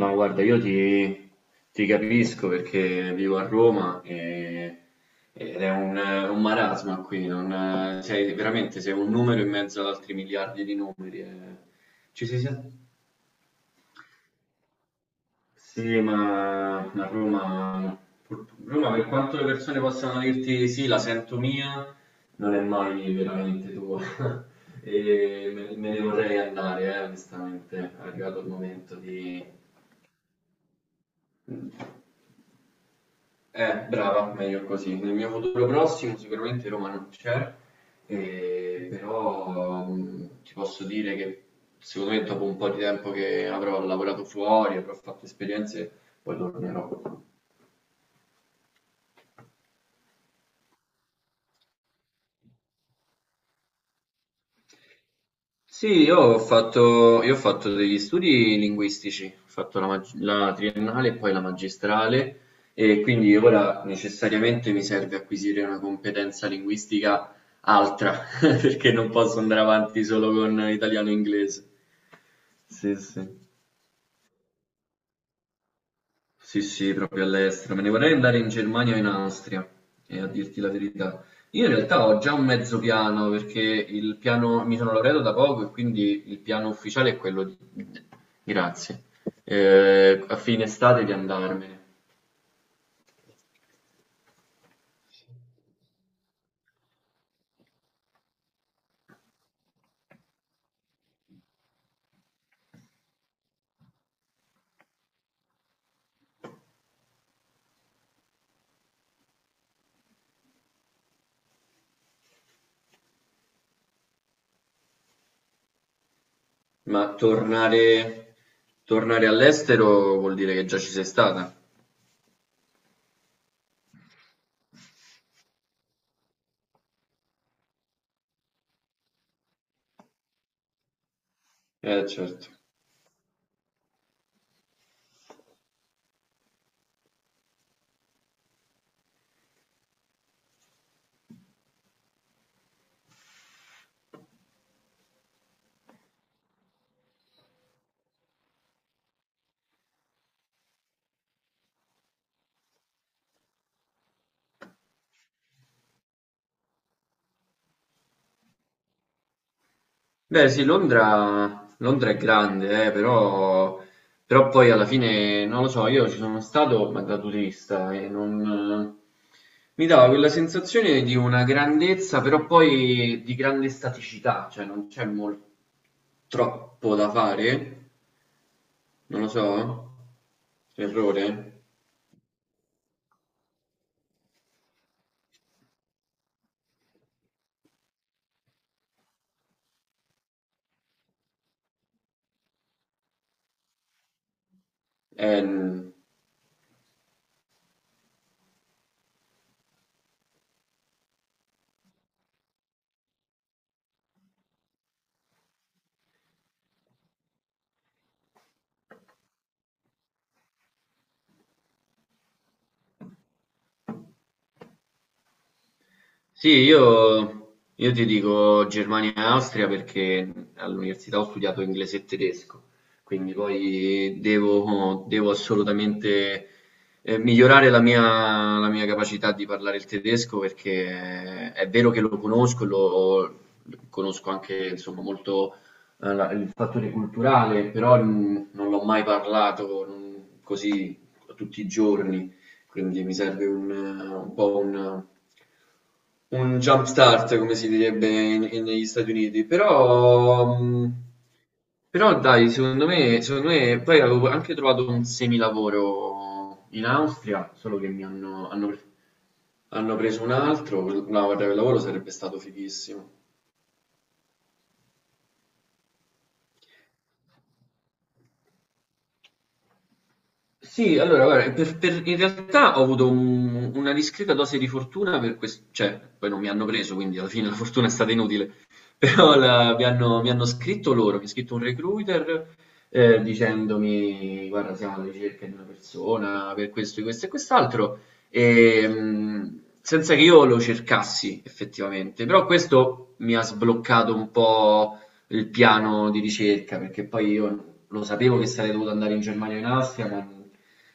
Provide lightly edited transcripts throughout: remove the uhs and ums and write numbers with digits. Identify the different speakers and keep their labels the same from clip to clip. Speaker 1: No, guarda, io ti capisco perché vivo a Roma ed è un marasma qui, veramente sei un numero in mezzo ad altri miliardi di numeri. Ci si sente... Sì, ma Roma, Roma, per quanto le persone possano dirti sì, la sento mia, non è mai veramente tua. E me ne vorrei andare, onestamente, è arrivato il momento di. Brava, meglio così. Nel mio futuro prossimo sicuramente Roma non c'è, però ti posso dire che secondo me dopo un po' di tempo che avrò lavorato fuori, avrò fatto esperienze, poi tornerò. Sì, io ho fatto degli studi linguistici, ho fatto la triennale e poi la magistrale e quindi ora necessariamente mi serve acquisire una competenza linguistica altra, perché non posso andare avanti solo con italiano e inglese. Sì, sì. Sì, sì, proprio all'estero. Me ne vorrei andare in Germania o in Austria, e a dirti la verità. Io in realtà ho già un mezzo piano, perché il piano, mi sono laureato da poco e quindi il piano ufficiale è quello di, grazie, eh, a fine estate di andarmene. Ma tornare all'estero vuol dire che già ci sei stata. Certo. Beh sì, Londra, Londra è grande, però poi alla fine, non lo so, io ci sono stato ma da turista e non... eh, mi dava quella sensazione di una grandezza, però poi di grande staticità, cioè non c'è troppo da fare, non lo so, errore. Eh, Sì, io ti dico Germania e Austria perché all'università ho studiato inglese e tedesco, quindi poi devo assolutamente migliorare la mia capacità di parlare il tedesco perché è vero che lo conosco, conosco anche insomma, molto il fattore culturale, però non l'ho mai parlato così tutti i giorni, quindi mi serve un po' un jump start come si direbbe in negli Stati Uniti, però però dai secondo me poi avevo anche trovato un semilavoro in Austria, solo che mi hanno preso un altro, no guarda quel lavoro sarebbe stato fighissimo. Sì, allora, guarda, in realtà ho avuto una discreta dose di fortuna per questo, cioè, poi non mi hanno preso, quindi alla fine la fortuna è stata inutile, però mi hanno scritto loro, mi ha scritto un recruiter dicendomi, guarda, siamo alla ricerca di una persona per questo, e questo e quest'altro, e, senza che io lo cercassi effettivamente, però questo mi ha sbloccato un po' il piano di ricerca, perché poi io lo sapevo che sarei dovuto andare in Germania o in Austria, ma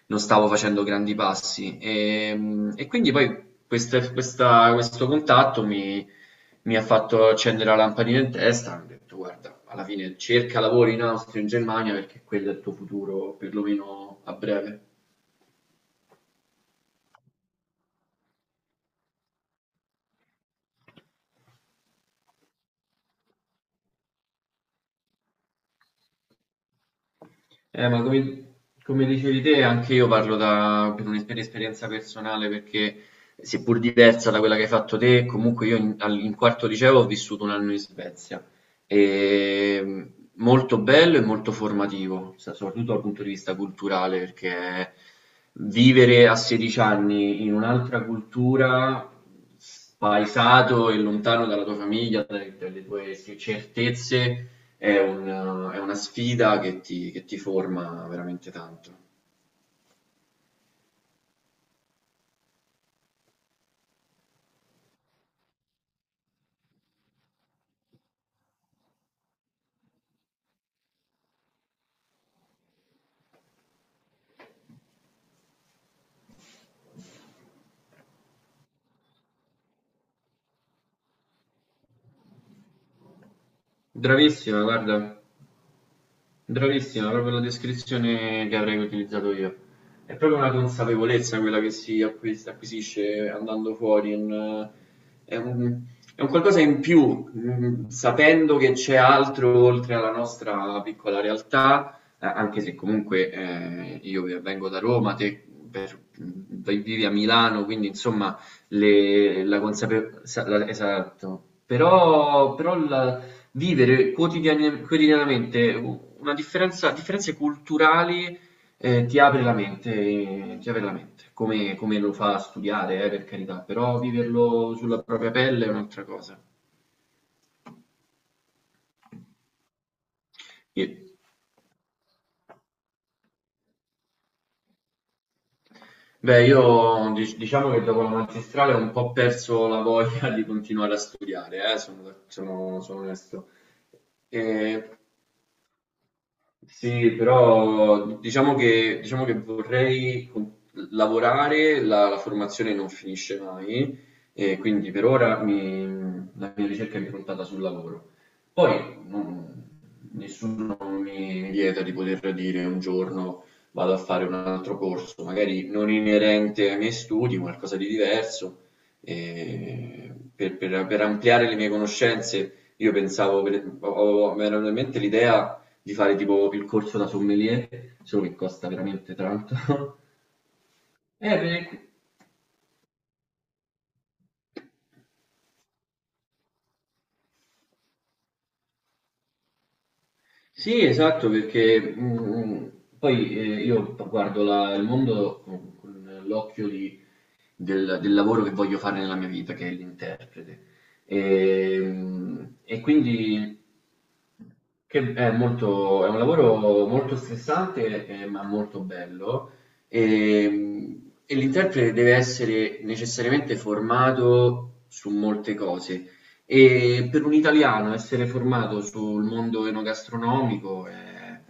Speaker 1: non stavo facendo grandi passi. E quindi poi questo contatto mi ha fatto accendere la lampadina in testa. Ho detto, guarda, alla fine cerca lavoro in Austria, o in Germania, perché quello è il tuo futuro, perlomeno a breve. Ma come dicevi te, anche io parlo per esperienza personale perché, seppur diversa da quella che hai fatto te, comunque io in quarto liceo ho vissuto un anno in Svezia. E, molto bello e molto formativo, soprattutto dal punto di vista culturale, perché vivere a 16 anni in un'altra cultura, spaesato e lontano dalla tua famiglia, dalle tue sì, certezze è è una sfida che ti forma veramente tanto. Bravissima, guarda. Bravissima, proprio la descrizione che avrei utilizzato io. È proprio una consapevolezza quella che si acquisisce andando fuori, è un, è un qualcosa in più, sapendo che c'è altro oltre alla nostra piccola realtà, anche se comunque io vengo da Roma, te per- mm, vivi a Milano, quindi insomma la consapevolezza. Esatto, però, però la Vivere quotidianamente una differenza differenze culturali, ti apre la mente ti apre la mente, come lo fa studiare per carità, però viverlo sulla propria pelle è un'altra cosa. E beh, io diciamo che dopo la magistrale ho un po' perso la voglia di continuare a studiare sono da sono sono onesto. Ehm Sì, però diciamo che vorrei lavorare, la formazione non finisce mai, e quindi per ora la mia ricerca è improntata sul lavoro. Poi nessuno mi vieta di poter dire un giorno vado a fare un altro corso, magari non inerente ai miei studi, qualcosa di diverso, e per ampliare le mie conoscenze. Io pensavo, mi era venuta in mente l'idea di fare tipo il corso da sommelier, solo che costa veramente tanto. Eh, per- sì, esatto, perché poi io guardo il mondo con l'occhio del lavoro che voglio fare nella mia vita, che è l'interprete. E quindi Che è molto è un lavoro molto stressante, ma molto bello, e l'interprete deve essere necessariamente formato su molte cose. E per un italiano essere formato sul mondo enogastronomico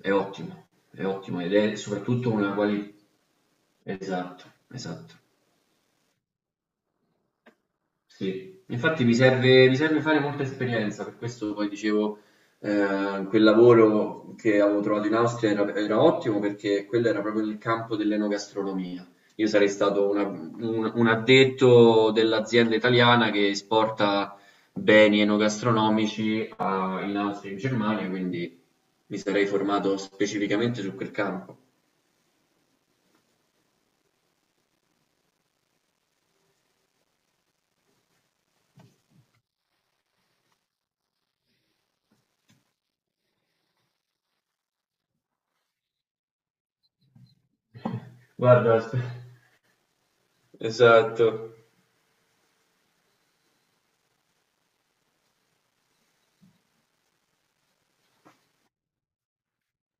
Speaker 1: è ottimo ed è soprattutto una qualità. Esatto, esatto. Sì, infatti mi serve fare molta esperienza, per questo poi dicevo, quel lavoro che avevo trovato in Austria era ottimo perché quello era proprio nel campo dell'enogastronomia. Io sarei stato un addetto dell'azienda italiana che esporta beni enogastronomici in Austria e in Germania, quindi mi sarei formato specificamente su quel campo. Guarda, Esatto.